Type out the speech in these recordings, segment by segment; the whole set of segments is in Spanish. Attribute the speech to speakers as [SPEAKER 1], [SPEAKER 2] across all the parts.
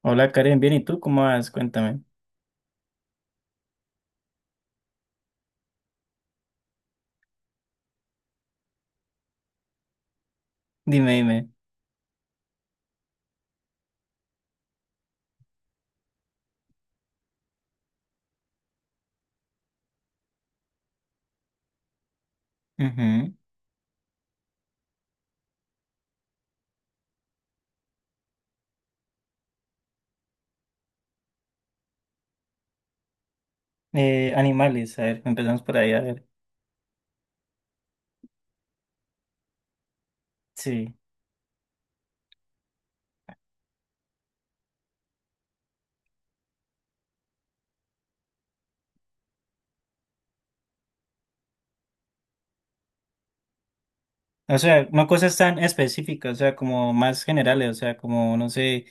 [SPEAKER 1] Hola Karen, bien, ¿y tú cómo vas? Cuéntame. Dime, dime. Ujú. Animales, a ver, empezamos por ahí, a ver. Sí. O sea, no cosas tan específicas, o sea, como más generales, o sea, como, no sé.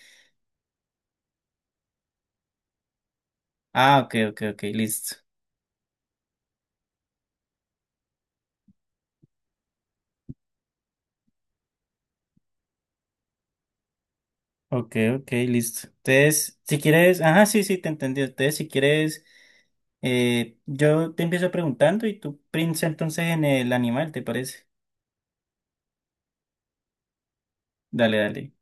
[SPEAKER 1] Ah, ok, ok, ok, listo. Ok, ok, listo. Entonces, si quieres, ajá, sí, sí, te entendí. Entonces, si quieres, yo te empiezo preguntando y tú piensa entonces en el animal, ¿te parece? Dale, dale.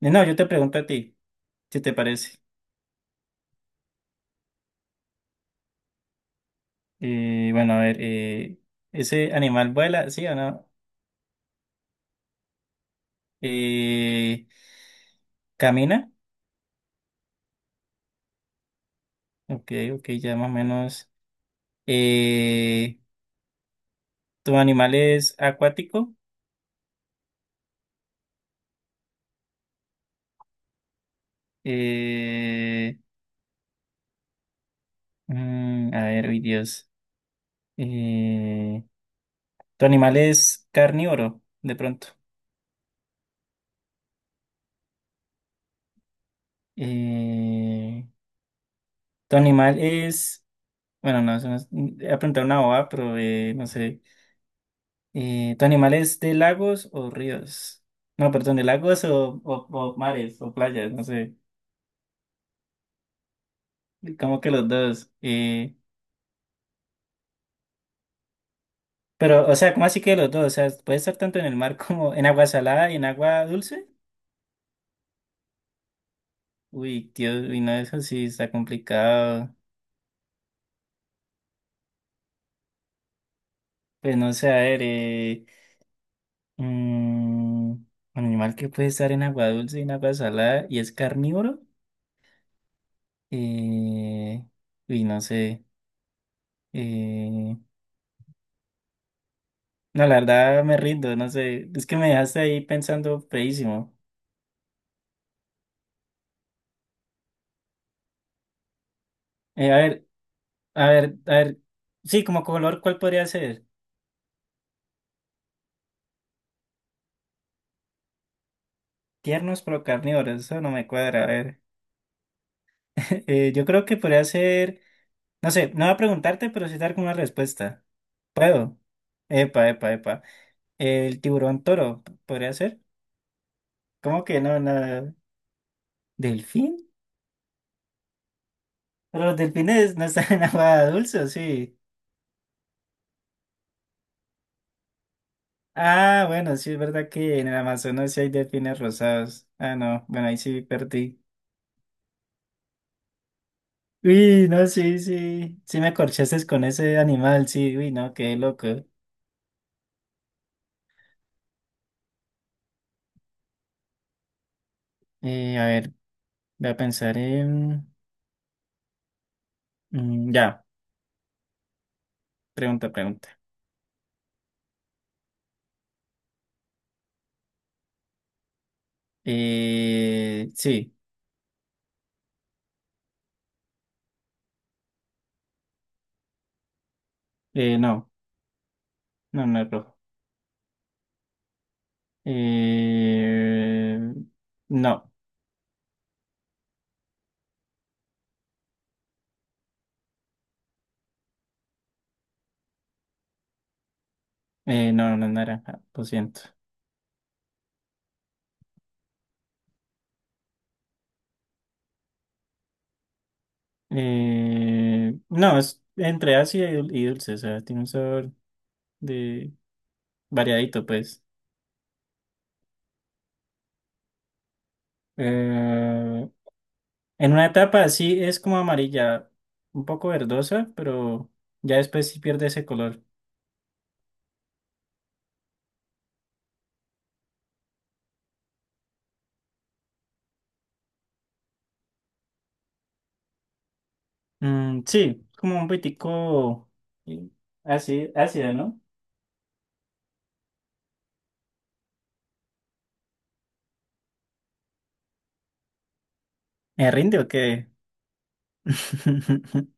[SPEAKER 1] No, yo te pregunto a ti, si te parece. Bueno, a ver, ¿ese animal vuela, sí o no? Eh, ¿Camina? Ok, ok, ya más o menos. Eh, ¿Tu animal es acuático? Eh, a ver, uy, Dios. Eh, ¿Tu animal es carnívoro, de pronto? Eh, ¿Tu animal es... Bueno, no, eso no es- iba a preguntar una bobada, pero no sé. ¿Tu animal es de lagos o ríos? No, perdón, de lagos o mares o playas, no sé. Como que los dos. Pero, o sea, ¿cómo así que los dos? O sea, puede estar tanto en el mar como en agua salada y en agua dulce. Uy, Dios, uy, no, eso sí está complicado. Pues no sé, a ver, un animal que puede estar en agua dulce y en agua salada y es carnívoro. Eh, uy, no sé. Eh, No, la verdad me rindo, no sé, es que me dejaste ahí pensando feísimo. A ver, a ver, a ver, sí, como color, ¿cuál podría ser? Tiernos pero carnívoros, eso no me cuadra, a ver. Yo creo que podría ser, no sé, no voy a preguntarte, pero sí dar como una respuesta. ¿Puedo? Epa, epa, epa. El tiburón toro, ¿podría ser? ¿Cómo que no, nada? ¿Delfín? Pero los delfines no están en agua dulce, ¿o sí? Ah, bueno, sí, es verdad que en el Amazonas sí hay delfines rosados. Ah, no, bueno, ahí sí perdí. Uy, no, sí, sí, sí me corchaste con ese animal, sí, uy, no, qué loco. A ver, voy a pensar en... ya, pregunta, pregunta. Sí, no, no es rojo. Eh, no, no, no es naranja, lo siento. No, es entre y dulce, o sea, tiene un sabor de... variadito, pues. Eh, en una etapa sí es como amarilla, un poco verdosa, pero ya después sí pierde ese color. Sí, como un poquitico eh, así, ácido, ¿no? ¿Me rinde o qué?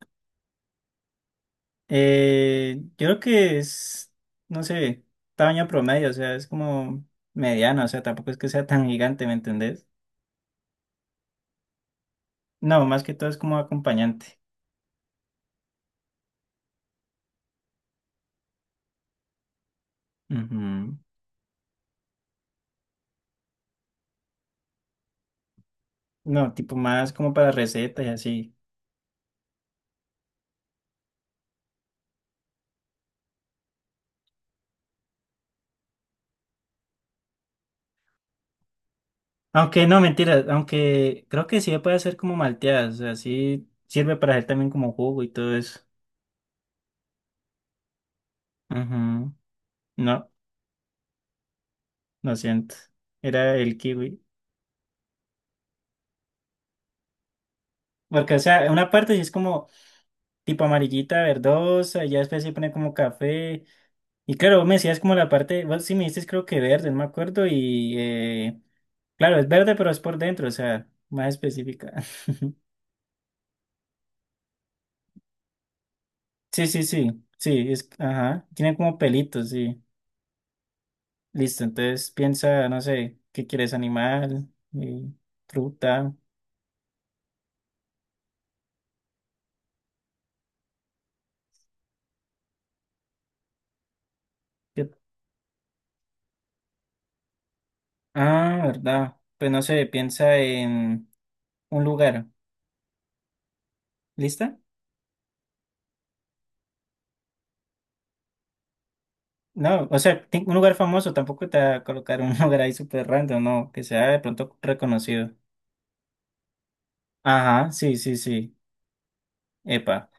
[SPEAKER 1] Yo creo que es, no sé, tamaño promedio, o sea, es como mediano, o sea, tampoco es que sea tan gigante, ¿me entendés? No, más que todo es como acompañante. Ujú. No, tipo más como para recetas y así. Aunque no, mentira, aunque creo que sí se puede hacer como malteada, o sea, sí sirve para hacer también como jugo y todo eso. Ujú. No, lo siento, era el kiwi. Porque, o sea, una parte sí es como tipo amarillita, verdosa, y ya después se pone como café. Y claro, vos me decías como la parte, vos sí me dices creo que verde, no me acuerdo, y claro, es verde, pero es por dentro, o sea, más específica. Sí, sí, sí, sí, es, ajá, tiene como pelitos, sí. Listo, entonces piensa, no sé, ¿qué quieres? Animal, eh, fruta. ¿qué- Ah, verdad. Pues no sé, piensa en un lugar. ¿Lista? No, o sea, un lugar famoso, tampoco te va a colocar un lugar ahí súper random, no, que sea de pronto reconocido. Ajá, sí, sí, sí. Epa.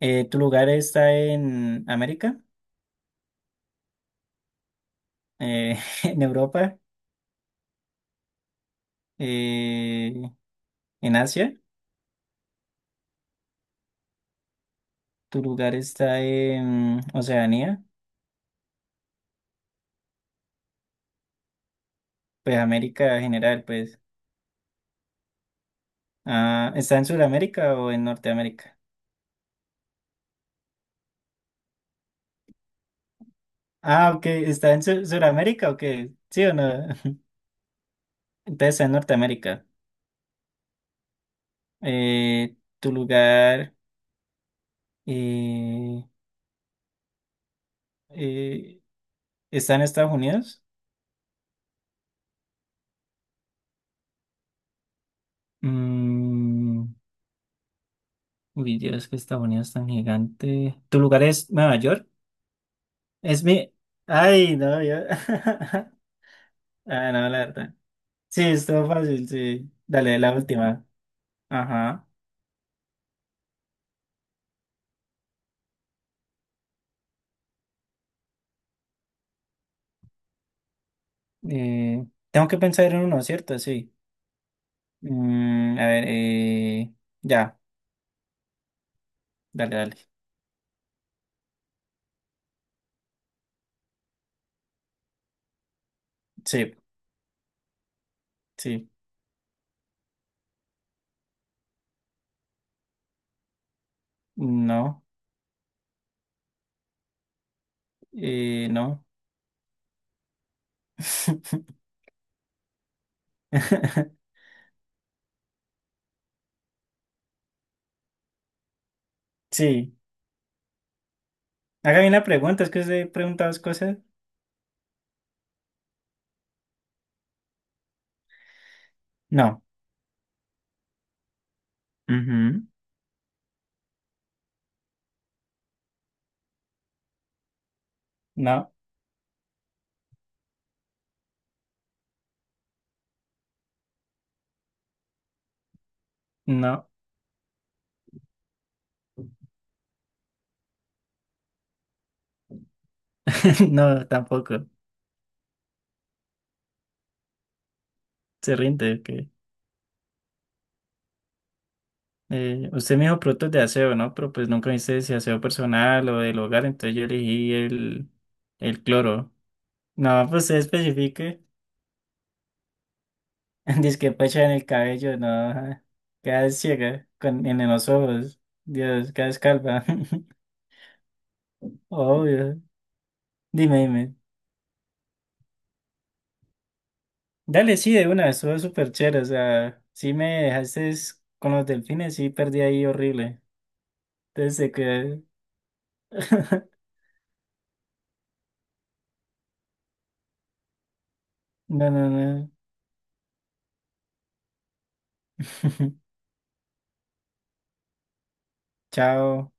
[SPEAKER 1] ¿Tu lugar está en América? Eh, ¿en Europa? Eh, ¿En Asia? ¿Tu lugar está en Oceanía? Pues América en general, pues. Ah, ¿está en Sudamérica o en Norteamérica? Ah, ok, ¿está en Sudamérica o qué? ¿Sí o no? Entonces está en Norteamérica. ¿Tu lugar eh, eh, está en Estados Unidos? Mm, uy, Dios, que Estados Unidos es tan gigante. ¿Tu lugar es Nueva York? Es mi... Ay, no, yo... Ah, no, la verdad. Sí, estuvo fácil, sí. Dale, la última. Ajá. Eh, tengo que pensar en uno, ¿cierto? Sí. A ver, ya, dale, dale. Sí, sí. No, no. Sí. Hágame una pregunta, es que usted pregunta dos cosas. No, Ujú. No, no, no, tampoco. Se rinde, que usted me dijo productos de aseo, ¿no? Pero pues nunca me dice si aseo personal o del hogar, entonces yo elegí el cloro. No, pues se especifique. Dice que pecha en el cabello, no. Quedas ciega con, en los ojos. Dios, quedas calva. Obvio. Dime, dime. Dale, sí, de una, estuvo súper chévere. O sea, sí me dejaste con los delfines, sí perdí ahí horrible. Entonces, que... No, no, no. Chao.